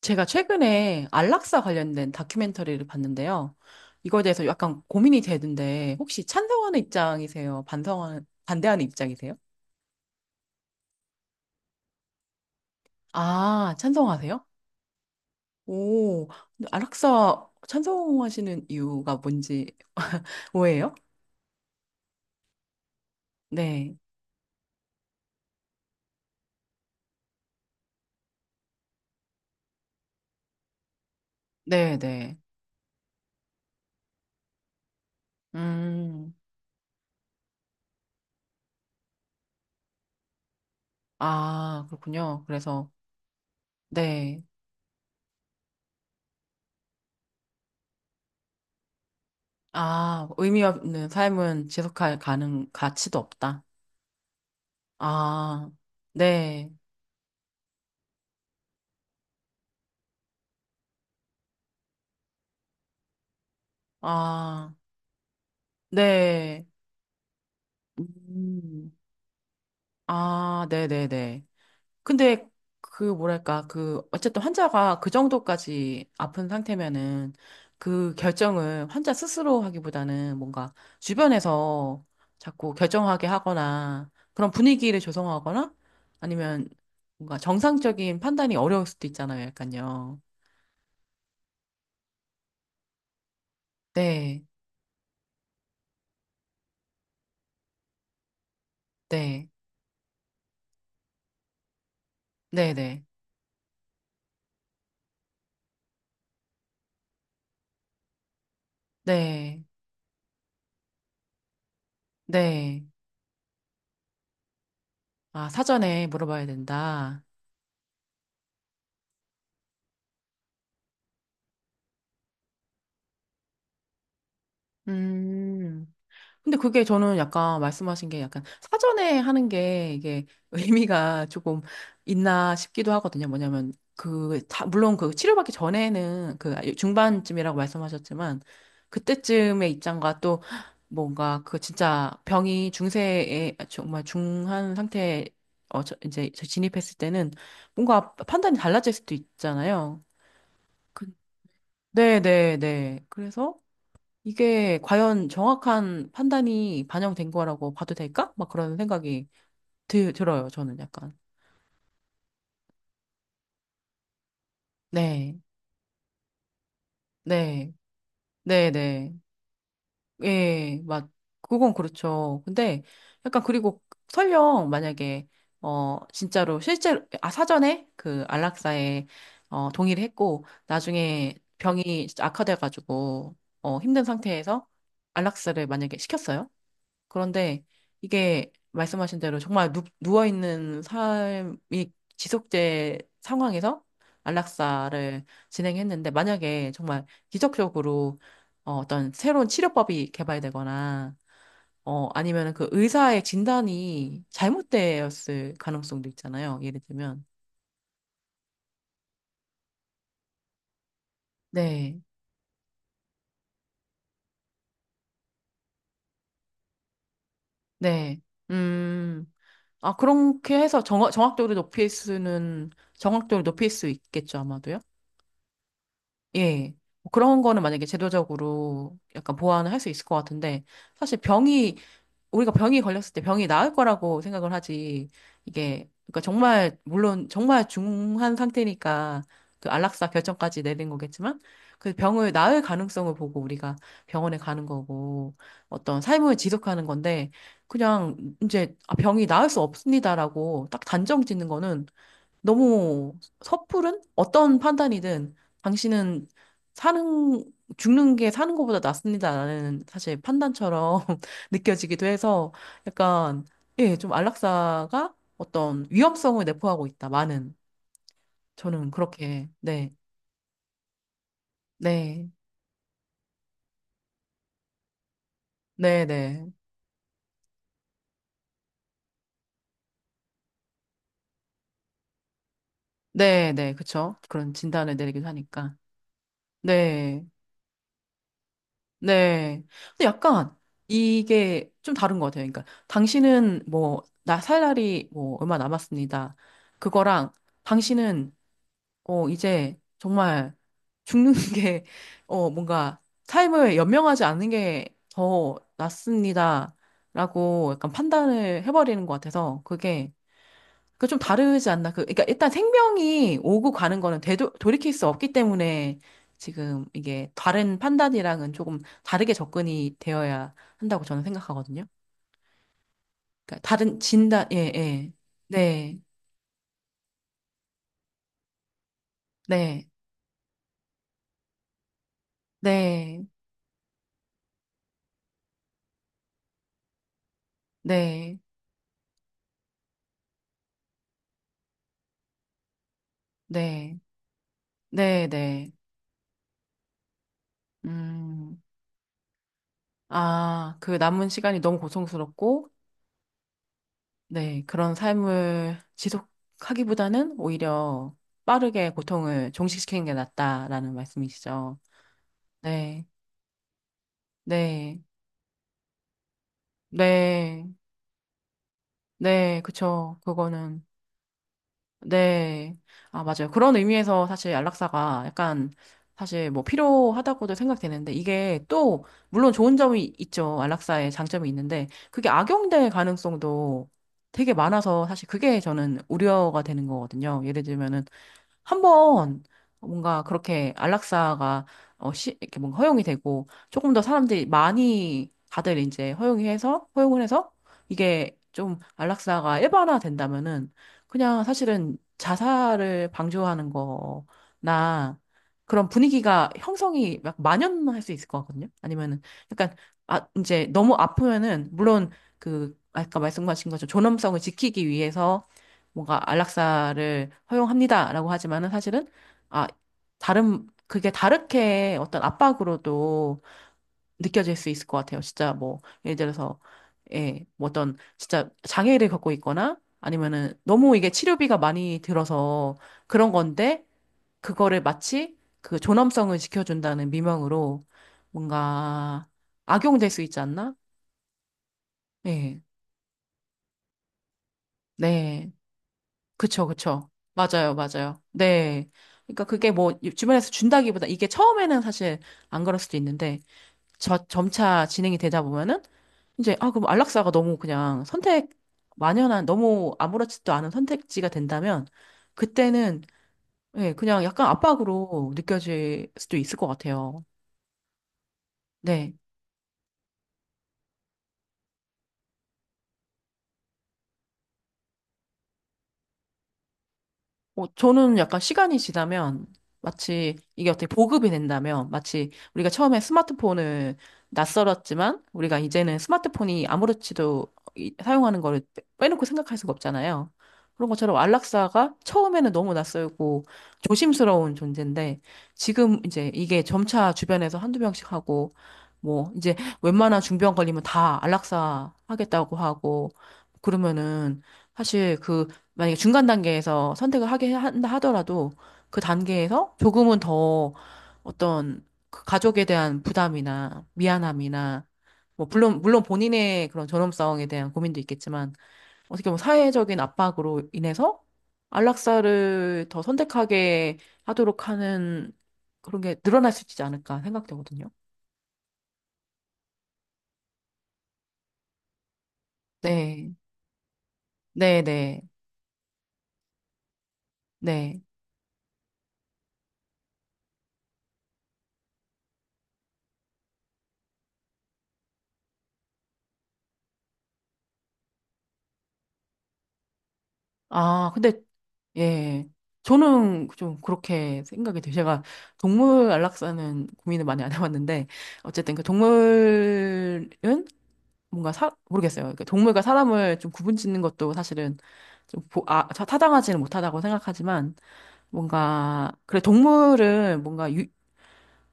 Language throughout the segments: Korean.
제가 최근에 안락사 관련된 다큐멘터리를 봤는데요. 이거에 대해서 약간 고민이 되는데, 혹시 찬성하는 입장이세요? 반대하는 입장이세요? 아, 찬성하세요? 오, 근데 안락사 찬성하시는 이유가 뭔지, 뭐예요? 네, 네, 네. 음, 아, 그렇군요. 그래서, 네. 아, 의미 없는 삶은 지속할 가치도 없다. 아, 네. 아. 네. 음. 아, 네네네. 근데 그 뭐랄까, 그 어쨌든 환자가 그 정도까지 아픈 상태면은 그 결정을 환자 스스로 하기보다는 뭔가 주변에서 자꾸 결정하게 하거나 그런 분위기를 조성하거나 아니면 뭔가 정상적인 판단이 어려울 수도 있잖아요, 약간요. 네, 네, 네네, 네, 네. 아, 사전에 물어봐야 된다. 음. 근데 그게 저는 약간 말씀하신 게 약간 사전에 하는 게 이게 의미가 조금 있나 싶기도 하거든요. 뭐냐면 그, 물론 그 치료받기 전에는 그 중반쯤이라고 말씀하셨지만 그때쯤의 입장과 또 뭔가 그 진짜 병이 중세에 아, 정말 중한 상태에 어, 이제 진입했을 때는 뭔가 판단이 달라질 수도 있잖아요. 그- 네, 네, 네. 그래서 이게 과연 정확한 판단이 반영된 거라고 봐도 될까? 막 그런 생각이 들어요, 저는 약간. 네, 네, 네, 네. 예, 맞. 그건 그렇죠. 근데 약간 그리고 설령 만약에, 어, 진짜로 실제로, 아, 사전에 그 안락사에, 어, 동의를 했고, 나중에 병이 진짜 악화돼가지고, 어, 힘든 상태에서 안락사를 만약에 시켰어요. 그런데 이게 말씀하신 대로 정말 누워있는 삶이 지속제 상황에서 안락사를 진행했는데 만약에 정말 기적적으로 어, 어떤 새로운 치료법이 개발되거나 어, 아니면 그 의사의 진단이 잘못되었을 가능성도 있잖아요. 예를 들면. 네, 네. 음, 아, 그렇게 해서 정확도를 높일 수는, 정확도를 높일 수 있겠죠, 아마도요? 예. 뭐 그런 거는 만약에 제도적으로 약간 보완을 할 수 있을 것 같은데, 사실 병이, 우리가 병이 걸렸을 때 병이 나을 거라고 생각을 하지, 이게, 그러니까 정말, 물론 정말 중한 상태니까 그 안락사 결정까지 내린 거겠지만, 그 병을 나을 가능성을 보고 우리가 병원에 가는 거고, 어떤 삶을 지속하는 건데, 그냥 이제 아, 병이 나을 수 없습니다라고 딱 단정 짓는 거는 너무 섣부른? 어떤 판단이든 당신은 사는, 죽는 게 사는 것보다 낫습니다라는 사실 판단처럼 느껴지기도 해서 약간, 예, 좀 안락사가 어떤 위험성을 내포하고 있다. 많은. 저는 그렇게, 네, 네, 네, 네, 네, 네, 그쵸. 그런 진단을 내리기도 하니까. 네. 네. 근데 약간 이게 좀 다른 것 같아요. 그러니까 당신은 뭐, 나 살 날이 뭐 얼마 남았습니다. 그거랑 당신은 어, 이제 정말 죽는 게 어, 뭔가 삶을 연명하지 않는 게 더 낫습니다. 라고 약간 판단을 해버리는 것 같아서 그게 그 좀 다르지 않나? 그러니까 일단 생명이 오고 가는 거는 돌이킬 수 없기 때문에 지금 이게 다른 판단이랑은 조금 다르게 접근이 되어야 한다고 저는 생각하거든요. 그러니까 다른 진단, 예, 예. 네, 네, 네, 네, 네, 네, 네. 음, 아, 그 남은 시간이 너무 고통스럽고, 네, 그런 삶을 지속하기보다는 오히려 빠르게 고통을 종식시키는 게 낫다라는 말씀이시죠. 네, 네, 네, 네, 그쵸. 그거는, 네. 아, 맞아요. 그런 의미에서 사실 안락사가 약간 사실 뭐 필요하다고도 생각되는데 이게 또, 물론 좋은 점이 있죠. 안락사의 장점이 있는데 그게 악용될 가능성도 되게 많아서 사실 그게 저는 우려가 되는 거거든요. 예를 들면은 한번 뭔가 그렇게 안락사가 어, 이렇게 뭔가 허용이 되고 조금 더 사람들이 많이 다들 이제 허용해서 허용을 해서 이게 좀 안락사가 일반화 된다면은 그냥 사실은 자살을 방조하는 거나 그런 분위기가 형성이 막 만연할 수 있을 것 같거든요. 아니면은 약간 아 이제 너무 아프면은 물론 그 아까 말씀하신 것처럼 존엄성을 지키기 위해서 뭔가 안락사를 허용합니다라고 하지만은 사실은 아 다른 그게 다르게 어떤 압박으로도 느껴질 수 있을 것 같아요. 진짜 뭐 예를 들어서 예, 뭐 어떤 진짜 장애를 갖고 있거나 아니면은 너무 이게 치료비가 많이 들어서 그런 건데 그거를 마치 그 존엄성을 지켜준다는 미명으로 뭔가 악용될 수 있지 않나? 예. 네. 그쵸, 그쵸. 맞아요, 맞아요. 네. 그러니까 그게 뭐 주변에서 준다기보다 이게 처음에는 사실 안 그럴 수도 있는데 저 점차 진행이 되다 보면은 이제 아 그럼 안락사가 너무 그냥 선택 만연한 너무 아무렇지도 않은 선택지가 된다면 그때는 예, 그냥 약간 압박으로 느껴질 수도 있을 것 같아요. 네. 어, 저는 약간 시간이 지나면 마치 이게 어떻게 보급이 된다면 마치 우리가 처음에 스마트폰을 낯설었지만 우리가 이제는 스마트폰이 아무렇지도 사용하는 거를 빼놓고 생각할 수가 없잖아요. 그런 것처럼 안락사가 처음에는 너무 낯설고 조심스러운 존재인데 지금 이제 이게 점차 주변에서 한두 명씩 하고 뭐 이제 웬만한 중병 걸리면 다 안락사 하겠다고 하고 그러면은 사실 그 만약에 중간 단계에서 선택을 하게 한다 하더라도 그 단계에서 조금은 더 어떤 그 가족에 대한 부담이나 미안함이나 뭐 물론 본인의 그런 존엄성에 대한 고민도 있겠지만 어떻게 보면 사회적인 압박으로 인해서 안락사를 더 선택하게 하도록 하는 그런 게 늘어날 수 있지 않을까 생각되거든요. 네, 네, 네, 네. 아, 근데, 예. 저는 좀 그렇게 생각이 돼요. 제가 동물 안락사는 고민을 많이 안 해봤는데, 어쨌든 그 동물은 뭔가 모르겠어요. 그러니까 동물과 사람을 좀 구분 짓는 것도 사실은 좀 타당하지는 못하다고 생각하지만, 뭔가, 그래, 동물은 뭔가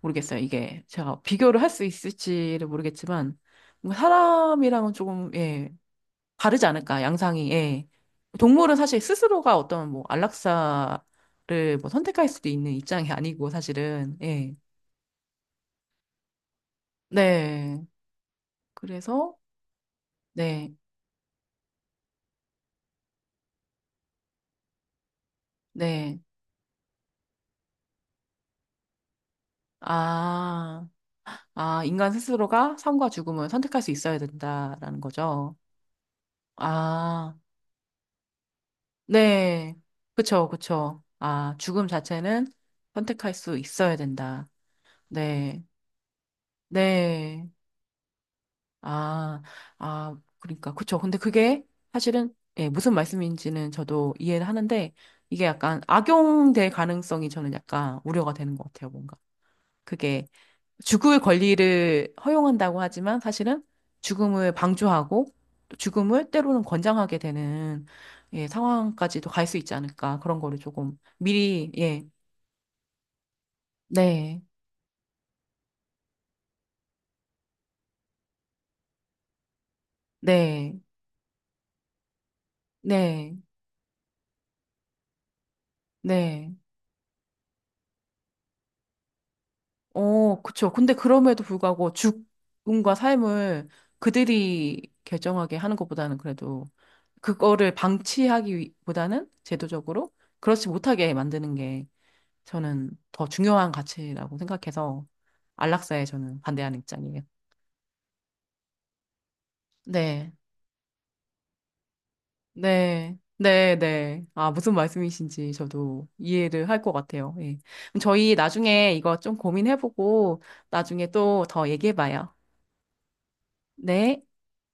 모르겠어요. 이게 제가 비교를 할 수 있을지를 모르겠지만, 뭔가 사람이랑은 조금, 예. 다르지 않을까, 양상이. 예. 동물은 사실 스스로가 어떤 뭐 안락사를 뭐 선택할 수도 있는 입장이 아니고 사실은. 예. 네. 그래서 네. 네. 아. 아, 인간 스스로가 삶과 죽음을 선택할 수 있어야 된다라는 거죠. 아. 네. 그쵸, 그쵸. 아, 죽음 자체는 선택할 수 있어야 된다. 네. 네. 아, 아, 그러니까 그쵸. 근데 그게 사실은 예, 무슨 말씀인지는 저도 이해를 하는데 이게 약간 악용될 가능성이 저는 약간 우려가 되는 것 같아요. 뭔가 그게 죽을 권리를 허용한다고 하지만 사실은 죽음을 방조하고 또 죽음을 때로는 권장하게 되는 예, 상황까지도 갈 수 있지 않을까 그런 거를 조금 미리 예, 네, 네, 네, 네. 어, 그쵸. 근데 그럼에도 불구하고 죽음과 삶을 그들이 결정하게 하는 것보다는 그래도 그거를 방치하기보다는 제도적으로 그렇지 못하게 만드는 게 저는 더 중요한 가치라고 생각해서 안락사에 저는 반대하는 입장이에요. 네, 네, 네, 네. 아, 무슨 말씀이신지 저도 이해를 할 것 같아요. 예. 그럼 저희 나중에 이거 좀 고민해보고 나중에 또 더 얘기해봐요. 네.